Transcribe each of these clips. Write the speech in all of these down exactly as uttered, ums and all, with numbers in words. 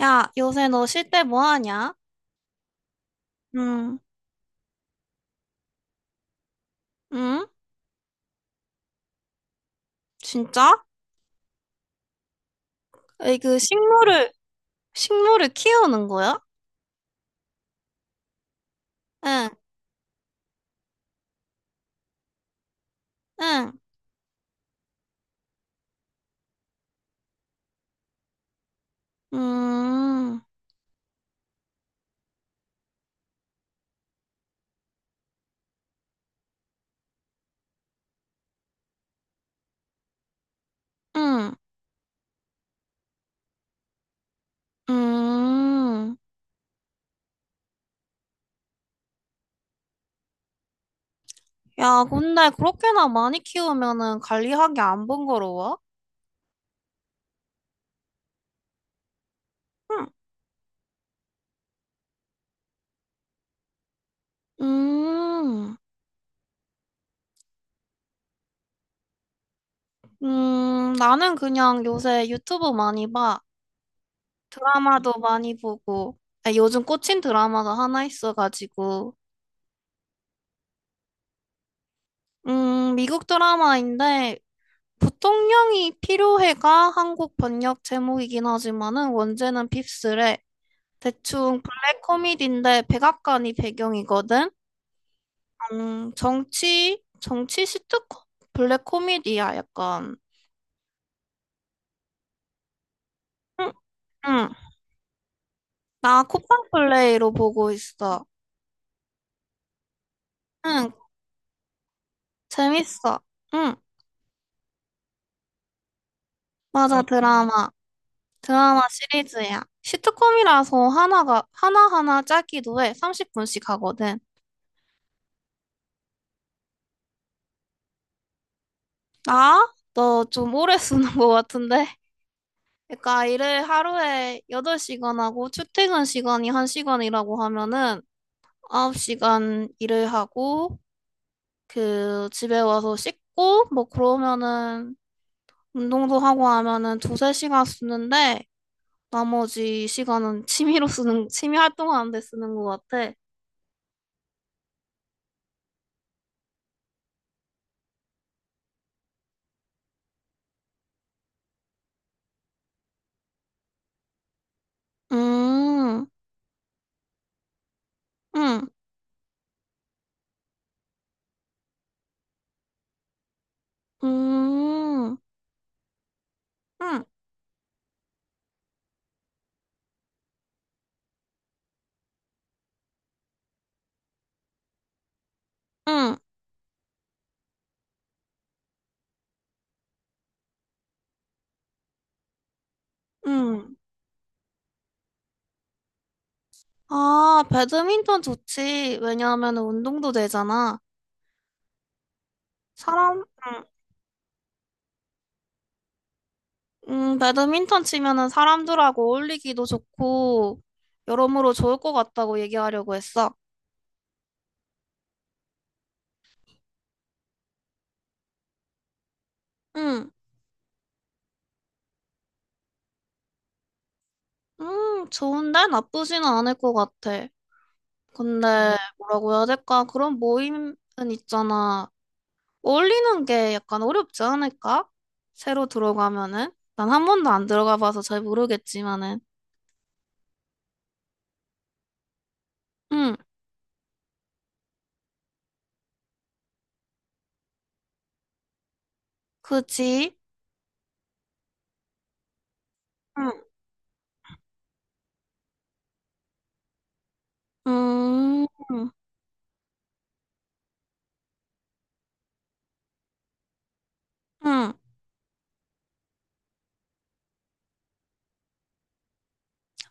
야, 요새 너 쉴 때 뭐 하냐? 응, 응? 진짜? 에이, 그 식물을, 식물을 키우는 거야? 응, 응, 음, 응, 음. 야, 근데 그렇게나 많이 키우면은 관리하기 안 번거로워? 응, 음, 음, 나는 그냥 요새 유튜브 많이 봐. 드라마도 많이 보고. 아, 요즘 꽂힌 드라마가 하나 있어가지고. 음, 미국 드라마인데, 부통령이 필요해가 한국 번역 제목이긴 하지만은 원제는 핍스래. 대충 블랙 코미디인데 백악관이 배경이거든. 음, 정치, 정치 시트콤? 블랙 코미디야, 약간. 응, 응. 나 쿠팡 플레이로 보고 있어. 응, 재밌어. 응, 맞아, 드라마. 드라마 시리즈야. 시트콤이라서 하나가, 하나하나 짧기도 해. 삼십 분씩 하거든. 나? 너 좀 오래 쓰는 것 같은데? 그러니까 일을 하루에 여덟 시간 하고 출퇴근 시간이 한 시간이라고 하면은 아홉 시간 일을 하고 그 집에 와서 씻고 뭐 그러면은 운동도 하고 하면은 두세 시간 쓰는데 나머지 시간은 취미로 쓰는 취미 활동하는 데 쓰는 것 같아. 음, 음, 음, 음, 음, 음. 아, 배드민턴 좋지. 왜냐하면 운동도 되잖아. 사람 음. 음, 배드민턴 치면은 사람들하고 어울리기도 좋고, 여러모로 좋을 것 같다고 얘기하려고 했어. 응, 음, 좋은데? 나쁘지는 않을 것 같아. 근데, 음. 뭐라고 해야 될까? 그런 모임은 있잖아. 어울리는 게 약간 어렵지 않을까? 새로 들어가면은? 난 한 번도 안 들어가 봐서 잘 모르겠지만은. 응, 그지? 응, 음, 응.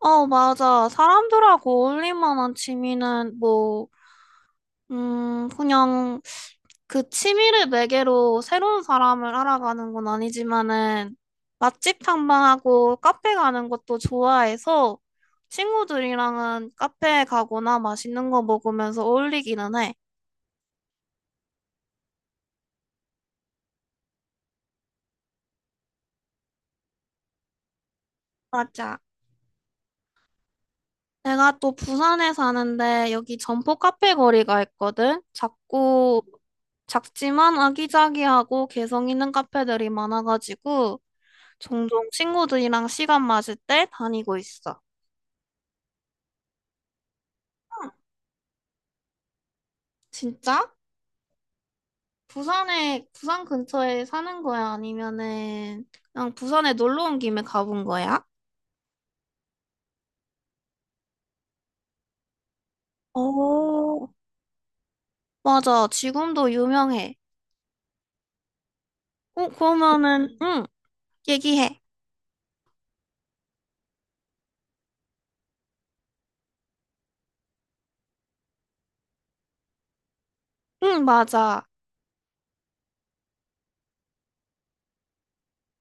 어, 맞아. 사람들하고 어울릴 만한 취미는 뭐, 음, 그냥 그 취미를 매개로 새로운 사람을 알아가는 건 아니지만은 맛집 탐방하고 카페 가는 것도 좋아해서 친구들이랑은 카페 가거나 맛있는 거 먹으면서 어울리기는 해. 맞아. 내가 또 부산에 사는데 여기 점포 카페 거리가 있거든. 작고 작지만 아기자기하고 개성 있는 카페들이 많아가지고 종종 친구들이랑 시간 맞을 때 다니고 있어. 진짜? 부산에, 부산 근처에 사는 거야? 아니면은 그냥 부산에 놀러 온 김에 가본 거야? 어, 맞아. 지금도 유명해. 어, 그러면은, 응, 얘기해. 응, 맞아.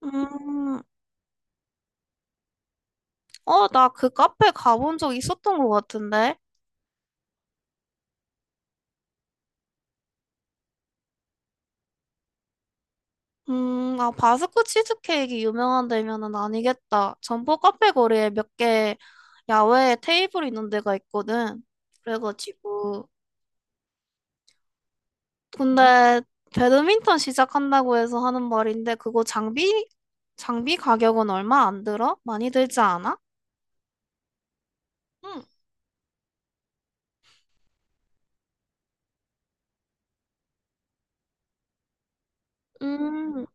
음, 어, 나 그 카페 가본 적 있었던 것 같은데? 음, 아, 바스크 치즈케이크 유명한 데면은 아니겠다. 점포 카페 거리에 몇 개 야외에 테이블 있는 데가 있거든. 그래가지고, 근데 배드민턴 시작한다고 해서 하는 말인데 그거 장비 장비 가격은 얼마 안 들어? 많이 들지 않아? 응. 음,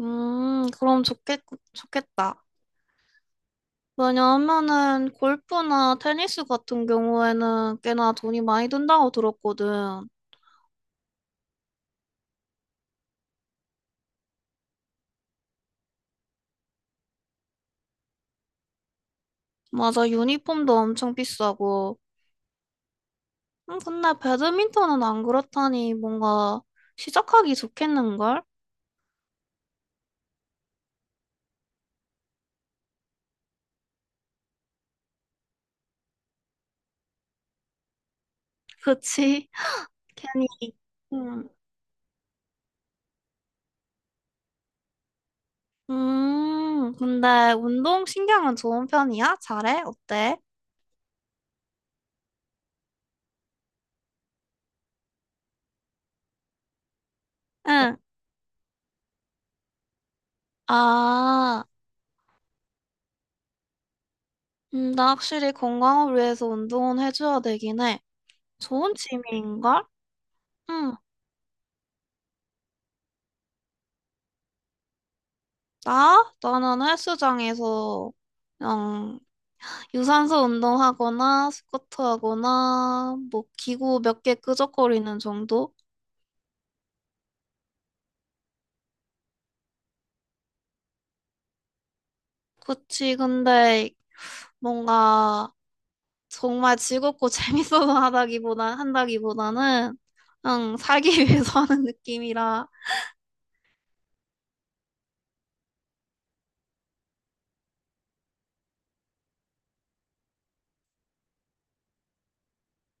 음, 그럼 좋겠, 좋겠다. 왜냐하면은 골프나 테니스 같은 경우에는 꽤나 돈이 많이 든다고 들었거든. 맞아, 유니폼도 엄청 비싸고. 음, 근데 배드민턴은 안 그렇다니 뭔가 시작하기 좋겠는걸? 그치? 괜히. 음. 음, 근데 운동 신경은 좋은 편이야? 잘해? 어때? 어, 응. 아, 음, 나 확실히 건강을 위해서 운동은 해줘야 되긴 해. 좋은 취미인걸? 응. 나? 나는 헬스장에서 그냥 유산소 운동하거나 스쿼트 하거나 뭐 기구 몇 개 끄적거리는 정도? 그치, 근데 뭔가 정말 즐겁고 재밌어서 하다기보다 한다기보다는 그냥 살기 위해서 하는 느낌이라.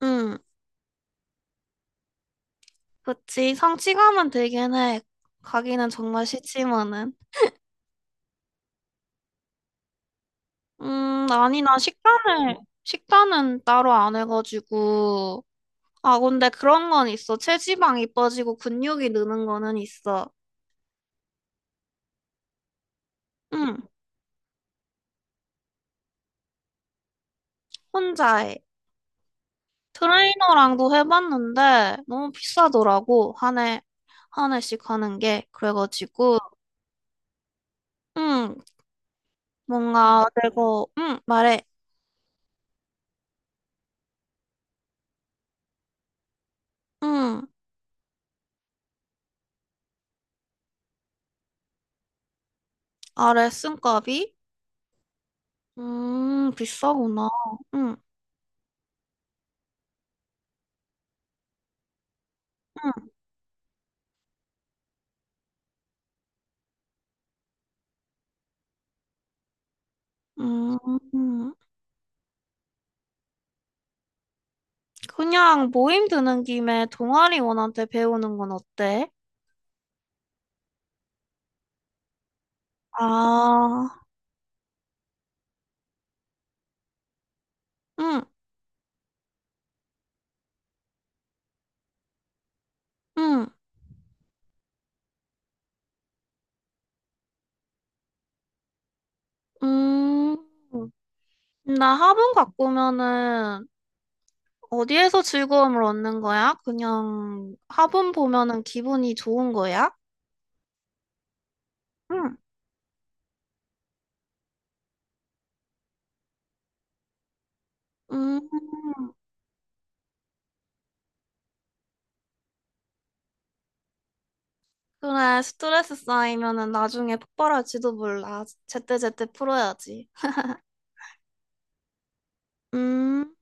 응, 그치. 성취감은 되긴 해. 가기는 정말 싫지만은. 음, 아니, 나 식단을, 식단은 따로 안 해가지고. 아, 근데 그런 건 있어. 체지방이 빠지고 근육이 느는 거는 있어. 응, 혼자 해. 트레이너랑도 해봤는데 너무 비싸더라고. 한 해, 한 해씩 하는 게. 그래가지고. 응, 뭔가 내가 응 말해 응 아래 쓴값이 음 비싸구나 응 음, 음. 그냥 모임 드는 김에 동아리원한테 배우는 건 어때? 아, 응, 응, 음. 나 화분 가꾸면은 어디에서 즐거움을 얻는 거야? 그냥 화분 보면은 기분이 좋은 거야? 응, 음. 그래, 스트레스 쌓이면은 나중에 폭발할지도 몰라. 제때제때 풀어야지. 음.